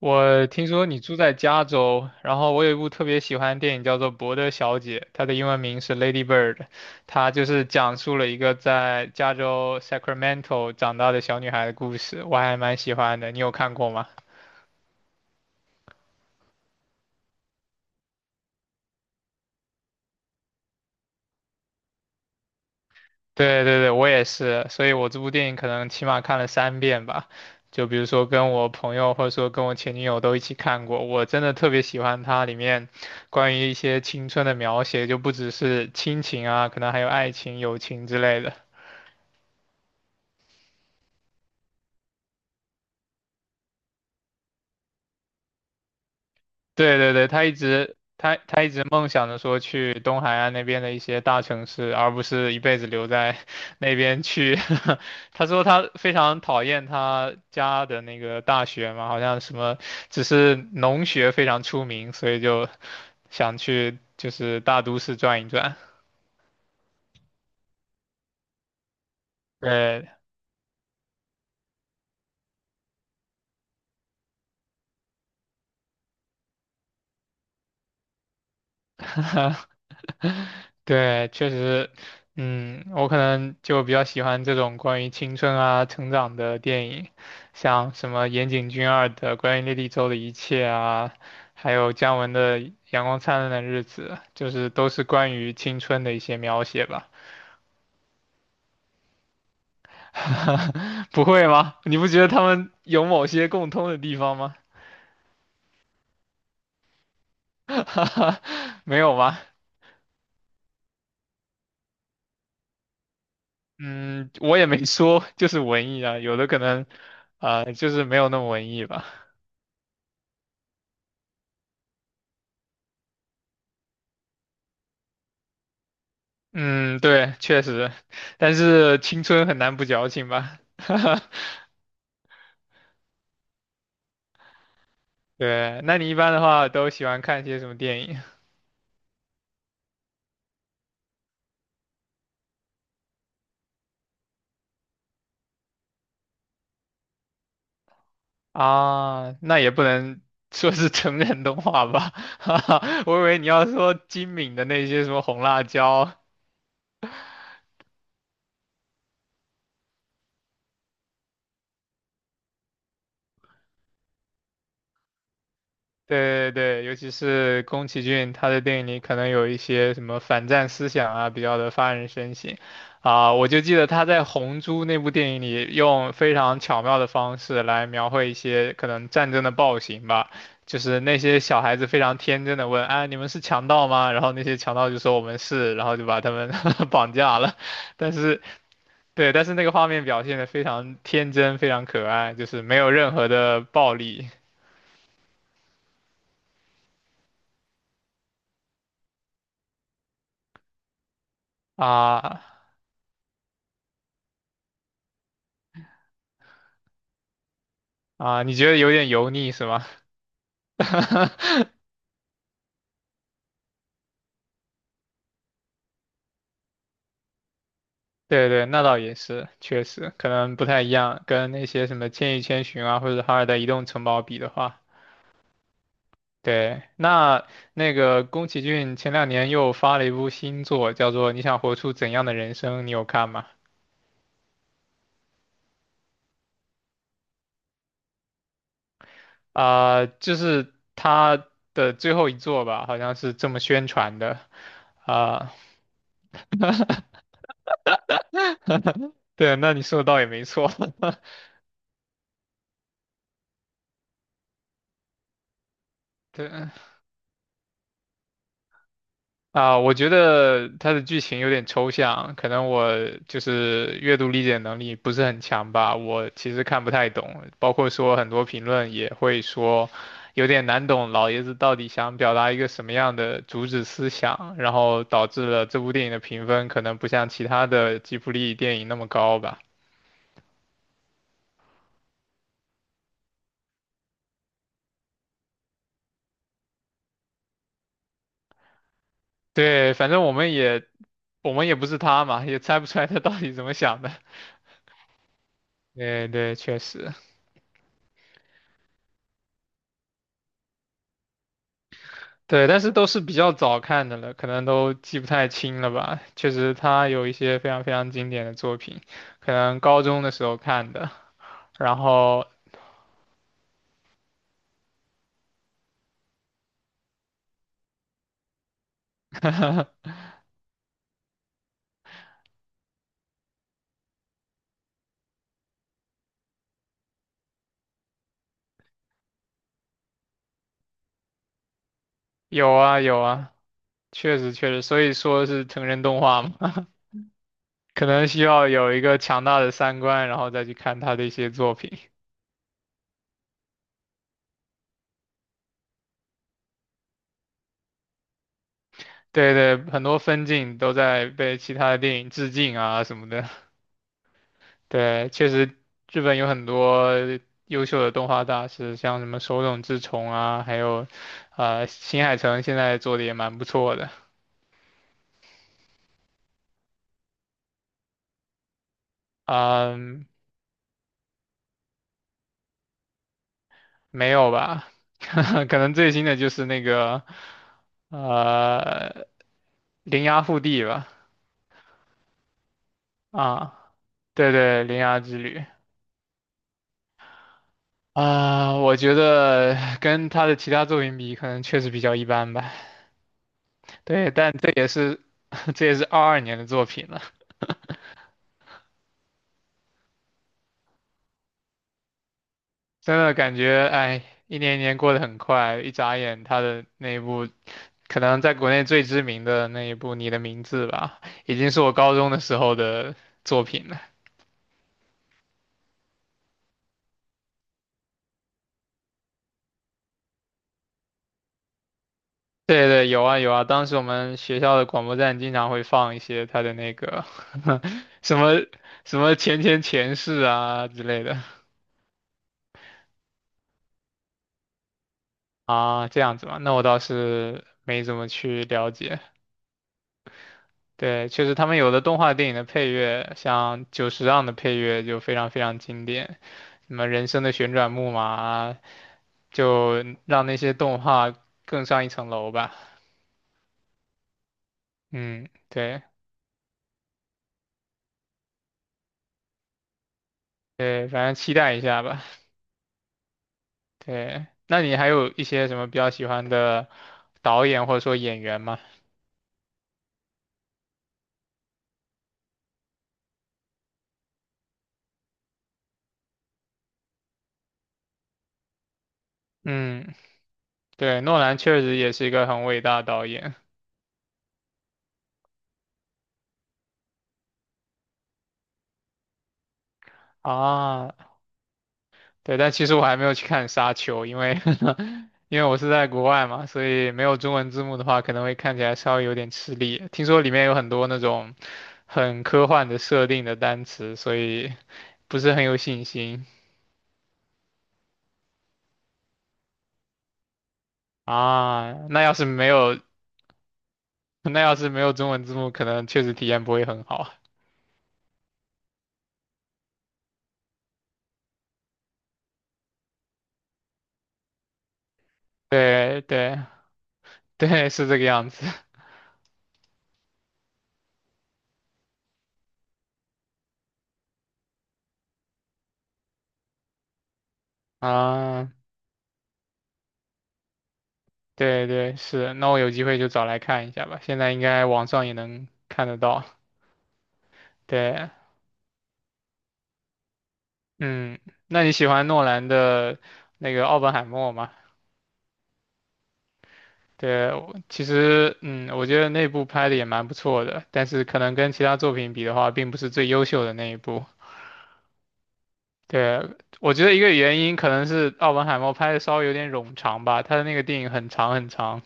我听说你住在加州，然后我有一部特别喜欢的电影叫做《伯德小姐》，它的英文名是《Lady Bird》，它就是讲述了一个在加州 Sacramento 长大的小女孩的故事，我还蛮喜欢的。你有看过吗？对对对，我也是，所以我这部电影可能起码看了3遍吧，就比如说跟我朋友或者说跟我前女友都一起看过，我真的特别喜欢它里面关于一些青春的描写，就不只是亲情啊，可能还有爱情、友情之类的。对对对，他一直梦想着说去东海岸那边的一些大城市，而不是一辈子留在 那边去。他说他非常讨厌他家的那个大学嘛，好像什么只是农学非常出名，所以就想去就是大都市转一转。对，对，确实，我可能就比较喜欢这种关于青春啊、成长的电影，像什么岩井俊二的《关于莉莉周的一切》啊，还有姜文的《阳光灿烂的日子》，就是都是关于青春的一些描写吧。不会吗？你不觉得他们有某些共通的地方吗？没有吗？嗯，我也没说，就是文艺啊，有的可能，啊，就是没有那么文艺吧。嗯，对，确实，但是青春很难不矫情吧？对，那你一般的话都喜欢看些什么电影啊？那也不能 说是成人动画吧？哈哈我以为你要说金敏的那些什么红辣椒对对对，尤其是宫崎骏，他的电影里可能有一些什么反战思想啊，比较的发人深省啊。我就记得他在《红猪》那部电影里，用非常巧妙的方式来描绘一些可能战争的暴行吧，就是那些小孩子非常天真的问："啊，你们是强盗吗？"然后那些强盗就说："我们是。"然后就把他们 绑架了。但是，对，但是那个画面表现的非常天真，非常可爱，就是没有任何的暴力。啊，啊，你觉得有点油腻是吗？对对，那倒也是，确实可能不太一样，跟那些什么《千与千寻》啊，或者《哈尔的移动城堡》比的话，对，那个宫崎骏前两年又发了一部新作，叫做《你想活出怎样的人生》，你有看吗？就是他的最后一作吧，好像是这么宣传的，啊、对，那你说的倒也没错，对。啊，我觉得它的剧情有点抽象，可能我就是阅读理解能力不是很强吧，我其实看不太懂，包括说很多评论也会说有点难懂，老爷子到底想表达一个什么样的主旨思想，然后导致了这部电影的评分可能不像其他的吉卜力电影那么高吧。对，反正我们也不是他嘛，也猜不出来他到底怎么想的。对对，确实。对，但是都是比较早看的了，可能都记不太清了吧。确实，他有一些非常非常经典的作品，可能高中的时候看的。然后有啊有啊，确实确实，所以说是成人动画嘛，可能需要有一个强大的三观，然后再去看他的一些作品。对对，很多分镜都在被其他的电影致敬啊什么的。对，确实，日本有很多优秀的动画大师，像什么手冢治虫啊，还有，新海诚现在做的也蛮不错的。嗯，没有吧？可能最新的就是那个，呃，铃芽护地吧。啊，对对，《铃芽之旅》啊，我觉得跟他的其他作品比，可能确实比较一般吧。对，但这也是 这也是22年的作品了。真的感觉，哎，一年一年过得很快，一眨眼，他的那一部可能在国内最知名的那一部《你的名字》吧，已经是我高中的时候的作品了。对对，有啊有啊，当时我们学校的广播站经常会放一些他的那个 什么什么前前前世啊之类的啊，这样子嘛，那我倒是没怎么去了解。对，确实，他们有的动画电影的配乐，像久石让的配乐就非常非常经典，什么《人生的旋转木马》啊，就让那些动画更上一层楼吧。嗯，对对，反正期待一下吧。对，那你还有一些什么比较喜欢的导演或者说演员吗？嗯，对，诺兰确实也是一个很伟大的导演啊。对，但其实我还没有去看《沙丘》，因为 因为我是在国外嘛，所以没有中文字幕的话，可能会看起来稍微有点吃力。听说里面有很多那种很科幻的设定的单词，所以不是很有信心啊。那要是没有，那要是没有中文字幕，可能确实体验不会很好。对对对，是这个样子啊。对对是，那我有机会就找来看一下吧，现在应该网上也能看得到。对。嗯，那你喜欢诺兰的那个《奥本海默》吗？对，我其实我觉得那部拍的也蛮不错的，但是可能跟其他作品比的话，并不是最优秀的那一部。对，我觉得一个原因可能是《奥本海默》拍的稍微有点冗长吧，他的那个电影很长很长。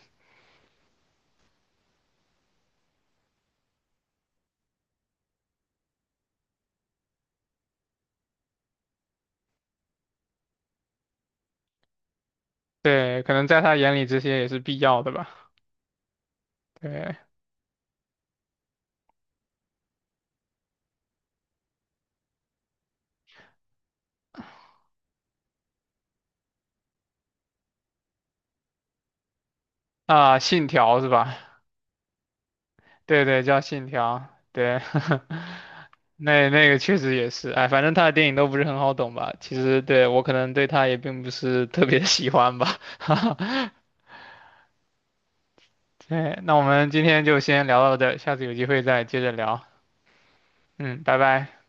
对，可能在他眼里这些也是必要的吧。对啊，《信条》是吧？对对，叫《信条》，对，那个确实也是，哎，反正他的电影都不是很好懂吧？其实对我可能对他也并不是特别 喜欢吧，对，那我们今天就先聊到这儿下次有机会再接着聊。嗯，拜拜。